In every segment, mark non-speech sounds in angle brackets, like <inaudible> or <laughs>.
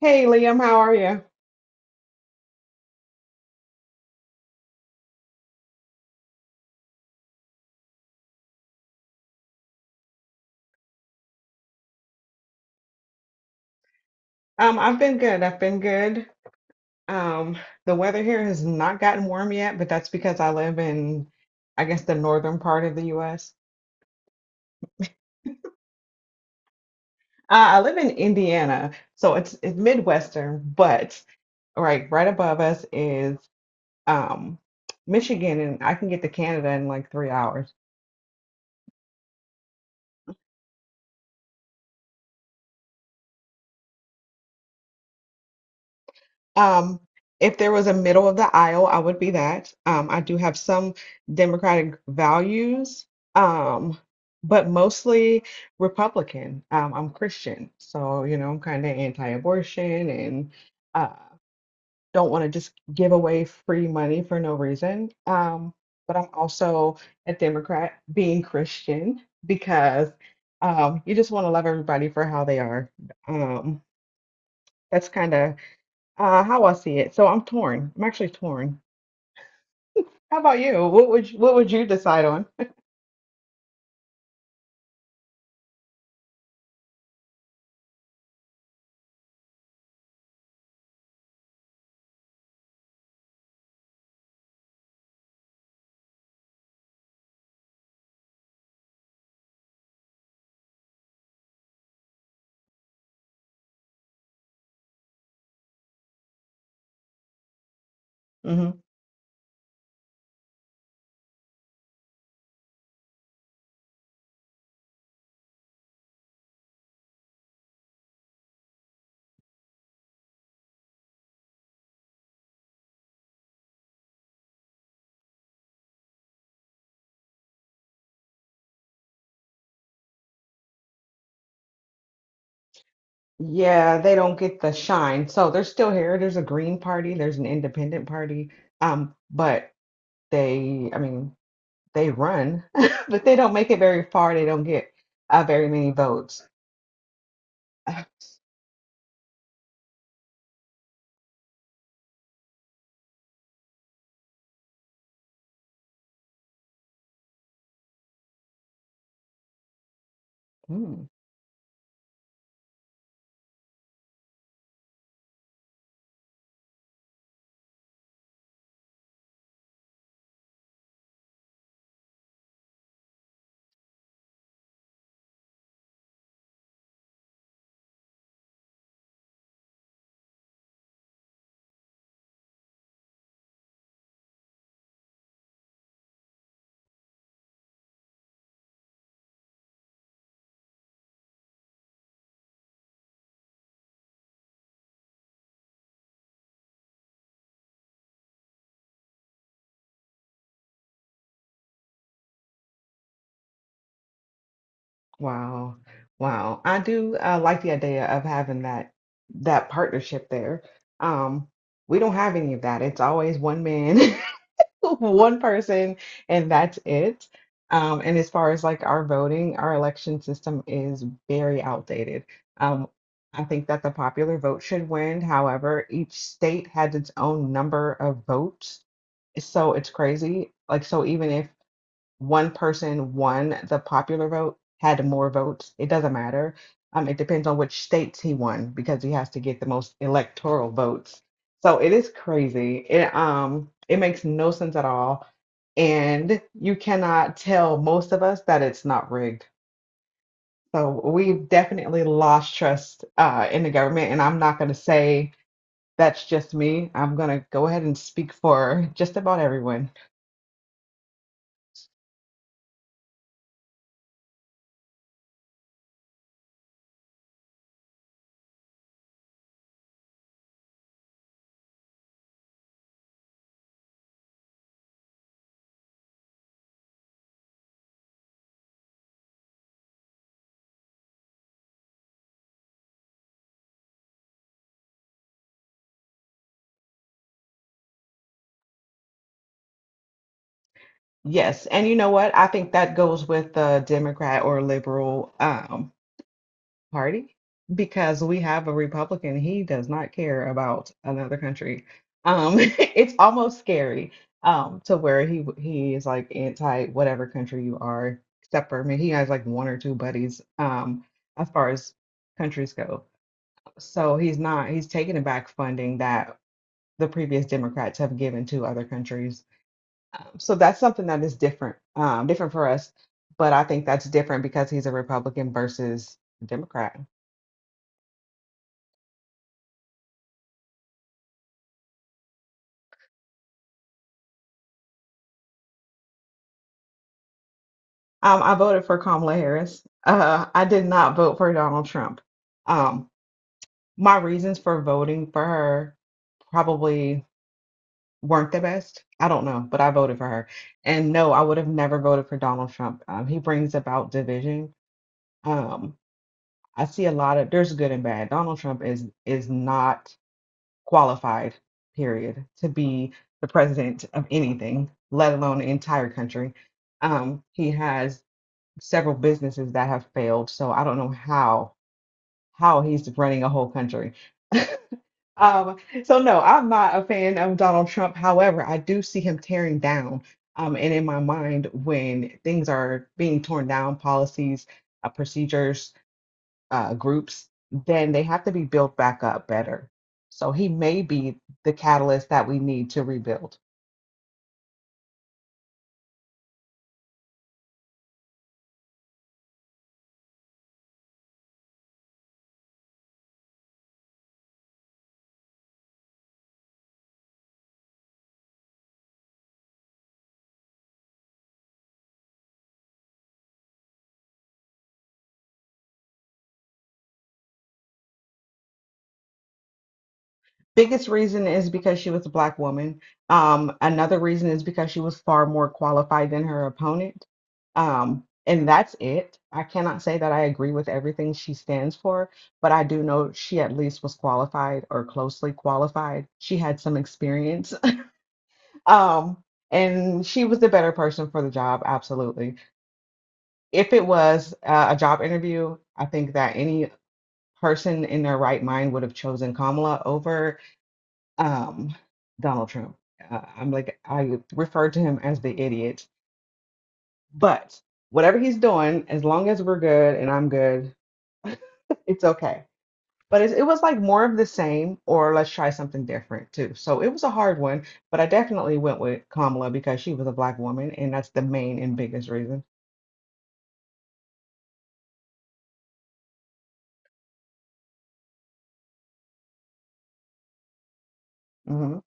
Hey Liam, how are you? I've been good. Um, the weather here has not gotten warm yet, but that's because I live in, I guess, the northern part of the US. I live in Indiana, so it's Midwestern, but right above us is um Michigan, and I can get to Canada in like 3 hours. Um, if there was a middle of the aisle, I would be that. I do have some Democratic values, um, but mostly Republican. I'm Christian, so you know I'm kind of anti-abortion and uh, don't want to just give away free money for no reason. But I'm also a Democrat, being Christian, because you just want to love everybody for how they are. Um, that's kind of how I see it. So I'm torn. I'm actually torn. How about you? What would you decide on? <laughs> hmm Yeah, they don't get the shine. So they're still here. There's a Green Party, there's an Independent Party. But they, I mean, they run, <laughs> but they don't make it very far. They don't get very many votes. Mm, wow. Wow. I do like the idea of having that partnership there. Um, we don't have any of that. It's always one man <laughs> <laughs> one person, and that's it. And as far as like our voting, our election system is very outdated. Um, I think that the popular vote should win. However, each state has its own number of votes, so it's crazy. Like, so even if one person won the popular vote, had more votes. It doesn't matter. It depends on which states he won because he has to get the most electoral votes. So it is crazy. It makes no sense at all. And you cannot tell most of us that it's not rigged. So we've definitely lost trust in the government. And I'm not going to say that's just me. I'm going to go ahead and speak for just about everyone. Yes, and you know what? I think that goes with the Democrat or liberal party because we have a Republican. He does not care about another country. <laughs> It's almost scary to where he is like anti whatever country you are, except for I mean, he has like one or two buddies as far as countries go. So he's not he's taking back funding that the previous Democrats have given to other countries, so that's something that is different, different for us. But I think that's different because he's a Republican versus a Democrat. I voted for Kamala Harris. I did not vote for Donald Trump. Um, my reasons for voting for her probably weren't the best. I don't know, but I voted for her. And no, I would have never voted for Donald Trump. He brings about division. Um, I see a lot of there's good and bad. Donald Trump is not qualified, period, to be the president of anything, let alone the entire country. He has several businesses that have failed, so I don't know how he's running a whole country. Um, so no, I'm not a fan of Donald Trump. However, I do see him tearing down. And in my mind, when things are being torn down, policies, procedures, groups, then they have to be built back up better. So he may be the catalyst that we need to rebuild. Biggest reason is because she was a black woman. Another reason is because she was far more qualified than her opponent. And that's it. I cannot say that I agree with everything she stands for, but I do know she at least was qualified or closely qualified. She had some experience. <laughs> Um, and she was the better person for the job, absolutely. If it was a job interview, I think that any person in their right mind would have chosen Kamala over um, Donald Trump. I'm like, I refer to him as the idiot, but whatever he's doing, as long as we're good and I'm good, it's okay. But it was like more of the same, or let's try something different too. So it was a hard one, but I definitely went with Kamala because she was a black woman, and that's the main and biggest reason. hmm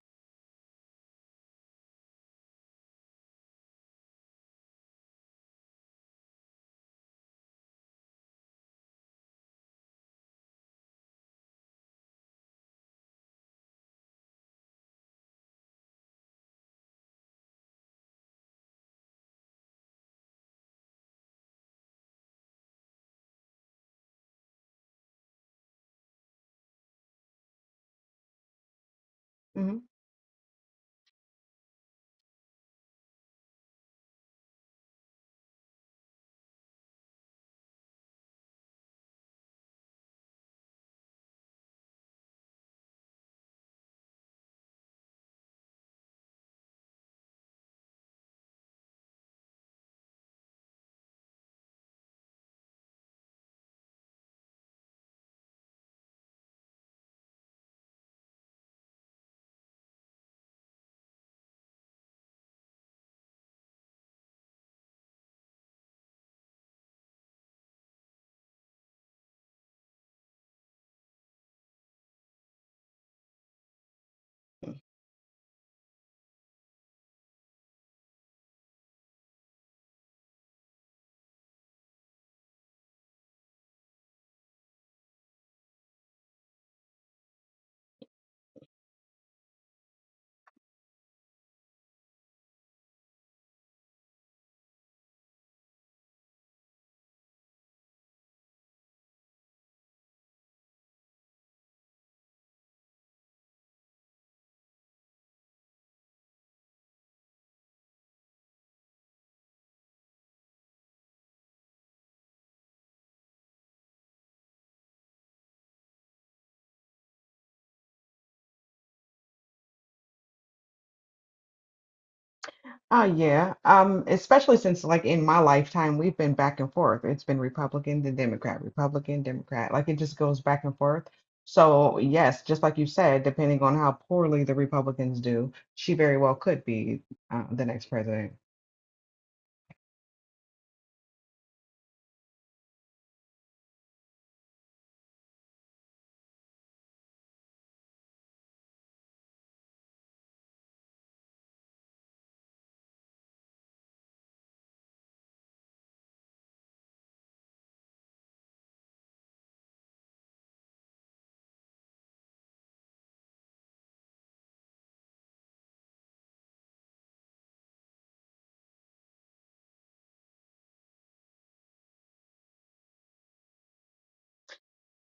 hmm Oh yeah. Especially since like in my lifetime we've been back and forth. It's been Republican, then Democrat, Republican, Democrat. Like it just goes back and forth. So yes, just like you said, depending on how poorly the Republicans do, she very well could be the next president.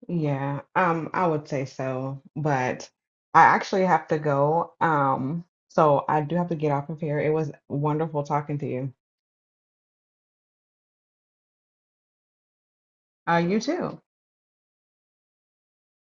Yeah, I would say so, but I actually have to go. So I do have to get off of here. It was wonderful talking to you. You too.